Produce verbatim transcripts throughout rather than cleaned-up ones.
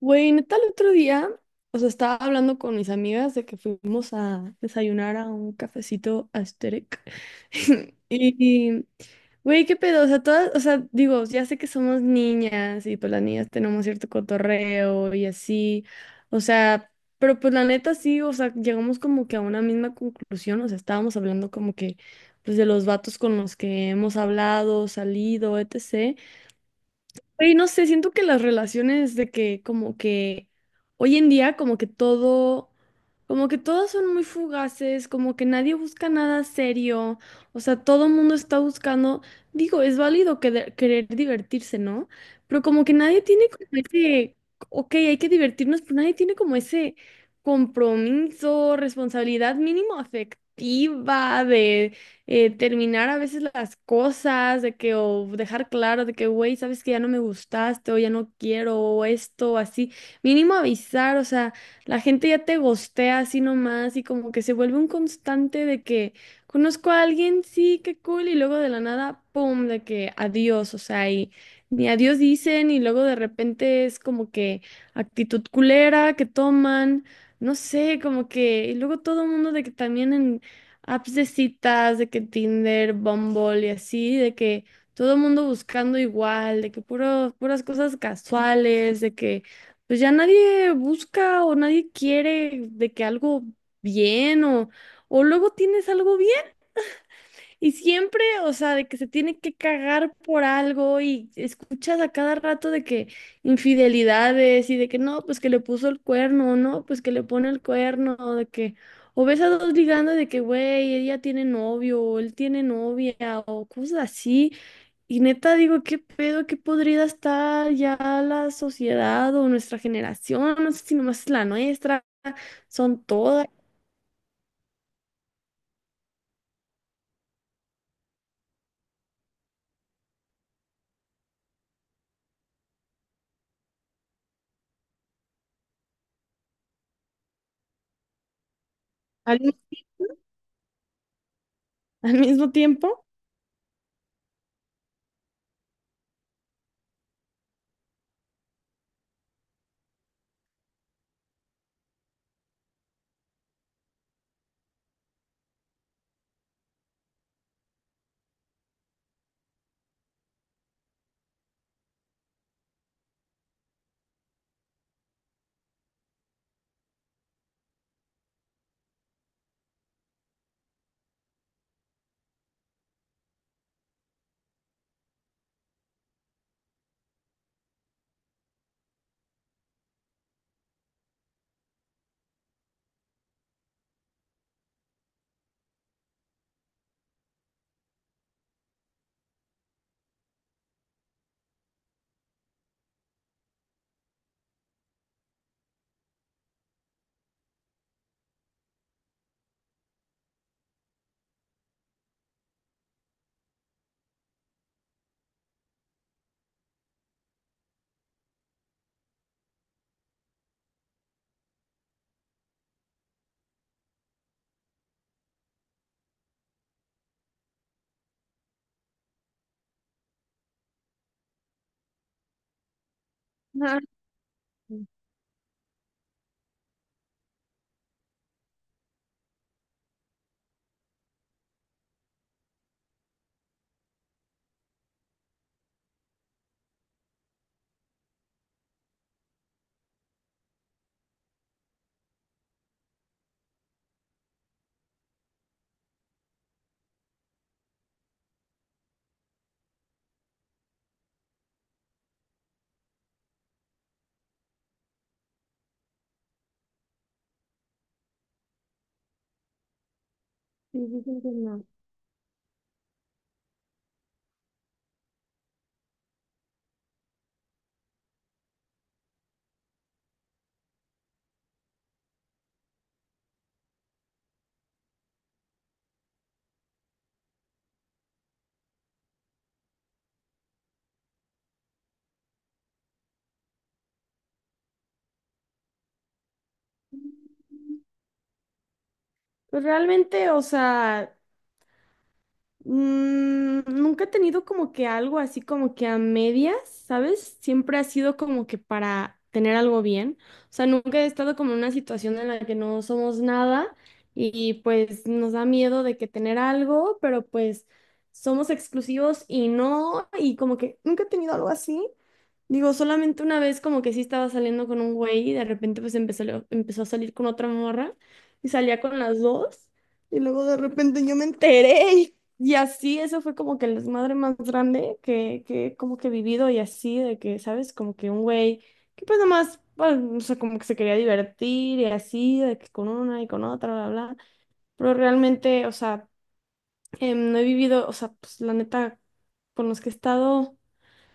Güey, neta, el otro día, o sea, estaba hablando con mis amigas de que fuimos a desayunar a un cafecito Asterix. Y, güey, qué pedo, o sea, todas, o sea, digo, ya sé que somos niñas y pues las niñas tenemos cierto cotorreo y así, o sea, pero pues la neta sí, o sea, llegamos como que a una misma conclusión, o sea, estábamos hablando como que, pues de los vatos con los que hemos hablado, salido, etcétera. Güey, no sé, siento que las relaciones de que como que hoy en día como que todo, como que todas son muy fugaces, como que nadie busca nada serio, o sea, todo el mundo está buscando, digo, es válido querer, querer divertirse, ¿no? Pero como que nadie tiene como ese, ok, hay que divertirnos, pero nadie tiene como ese compromiso, responsabilidad mínimo afectiva de eh, terminar a veces las cosas, de que, o dejar claro de que, güey, sabes que ya no me gustaste, o ya no quiero, o esto, o así. Mínimo avisar, o sea, la gente ya te gostea así nomás y como que se vuelve un constante de que conozco a alguien, sí, qué cool, y luego de la nada, pum, de que adiós, o sea, y ni adiós dicen, y luego de repente es como que actitud culera que toman. No sé, como que, y luego todo el mundo de que también en apps de citas, de que Tinder, Bumble y así, de que todo el mundo buscando igual, de que puro, puras cosas casuales, de que pues ya nadie busca o nadie quiere de que algo bien o, o luego tienes algo bien y siempre, o sea, de que se tiene que cagar por algo y escuchas a cada rato de que infidelidades y de que no, pues que le puso el cuerno, o no, pues que le pone el cuerno, o de que, o ves a dos ligando de que, güey, ella tiene novio, o él tiene novia, o cosas así. Y neta digo, qué pedo, qué podrida está ya la sociedad o nuestra generación, no sé si nomás es la nuestra, son todas al, al mismo tiempo. Ajá. Sí, dicen que no. Pues realmente, o sea, mm, nunca he tenido como que algo así como que a medias, ¿sabes? Siempre ha sido como que para tener algo bien. O sea, nunca he estado como en una situación en la que no somos nada y pues nos da miedo de que tener algo, pero pues somos exclusivos y no, y como que nunca he tenido algo así. Digo, solamente una vez como que sí estaba saliendo con un güey y de repente pues empezó, empezó a salir con otra morra y salía con las dos y luego de repente yo me enteré y, y así, eso fue como que el desmadre más grande que, que como que he vivido y así, de que, ¿sabes? Como que un güey que pues nomás, pues, o sea, como que se quería divertir y así, de que con una y con otra, bla, bla, pero realmente, o sea, em, no he vivido, o sea, pues la neta, con los que he estado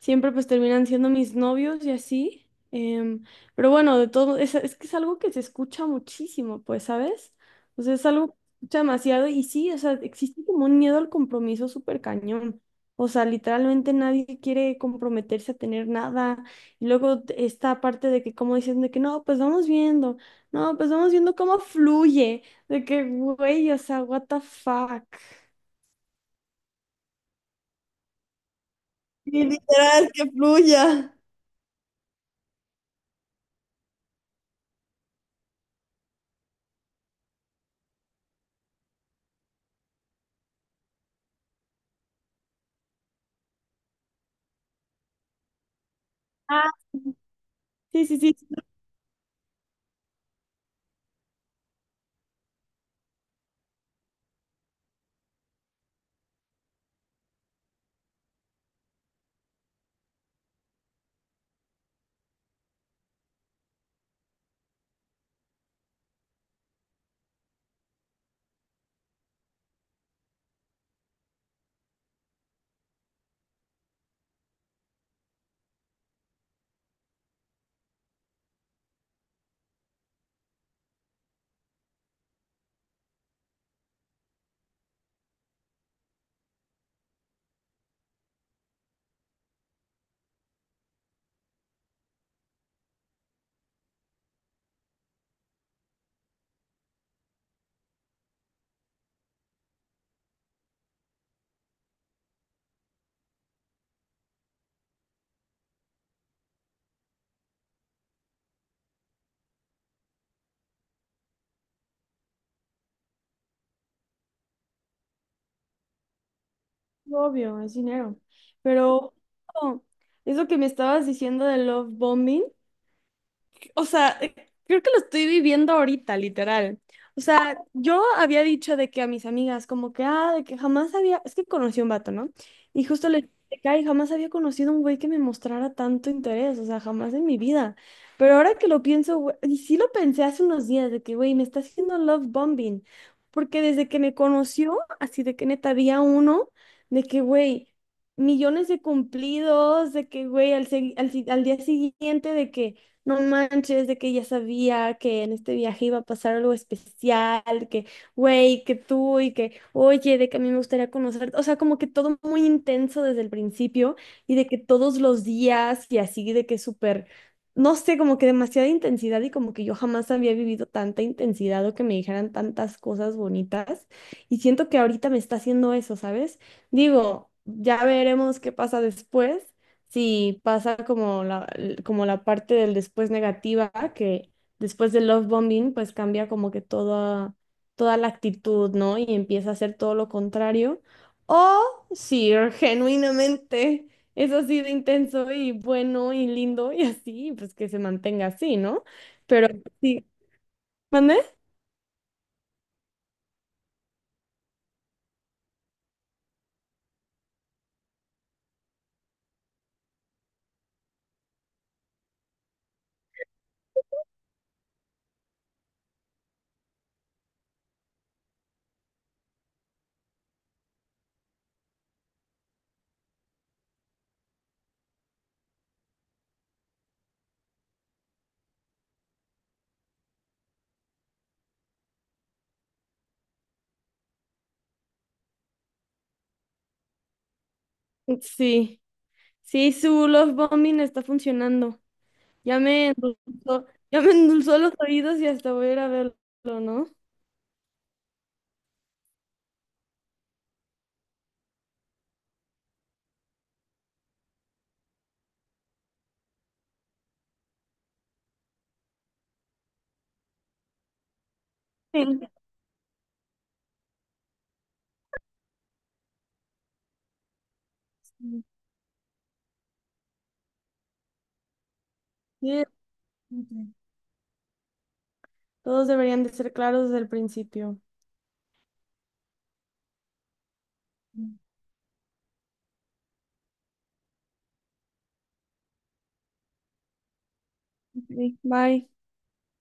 siempre pues terminan siendo mis novios y así. Em, pero bueno, de todo, es, es que es algo que se escucha muchísimo, pues, ¿sabes? O sea, es algo que se escucha demasiado y sí, o sea, existe como un miedo al compromiso súper cañón. O sea, literalmente nadie quiere comprometerse a tener nada. Y luego t- esta parte de que, como dicen, de que no, pues vamos viendo, no, pues vamos viendo cómo fluye, de que, güey, o sea, what the fuck. Y literal, que fluya. Ah, sí, sí, sí. Obvio, es dinero. Pero oh, eso que me estabas diciendo de love bombing, o sea, eh, creo que lo estoy viviendo ahorita, literal. O sea, yo había dicho de que a mis amigas, como que, ah, de que jamás había, es que conocí a un vato, ¿no? Y justo le dije, de que, ay, jamás había conocido un güey que me mostrara tanto interés, o sea, jamás en mi vida. Pero ahora que lo pienso, güey, y sí lo pensé hace unos días, de que, güey, me está haciendo love bombing, porque desde que me conoció, así de que neta, día uno, de que, güey, millones de cumplidos, de que, güey, al, segui- al si- al día siguiente, de que no manches, de que ya sabía que en este viaje iba a pasar algo especial, que, güey, que tú y que, oye, de que a mí me gustaría conocerte. O sea, como que todo muy intenso desde el principio y de que todos los días y así, de que súper, no sé, como que demasiada intensidad y como que yo jamás había vivido tanta intensidad o que me dijeran tantas cosas bonitas. Y siento que ahorita me está haciendo eso, ¿sabes? Digo, ya veremos qué pasa después. Sí, pasa como la, l- como la parte del después negativa, que después del love bombing, pues cambia como que toda, toda la actitud, ¿no? Y empieza a hacer todo lo contrario. O si genuinamente es así de intenso y bueno y lindo y así, pues que se mantenga así, ¿no? Pero sí, ¿mande? Sí, sí, su love bombing está funcionando. Ya me endulzó, ya me endulzó los oídos y hasta voy a ir a verlo, ¿no? Sí, todos deberían de ser claros desde el principio. Ok, bye.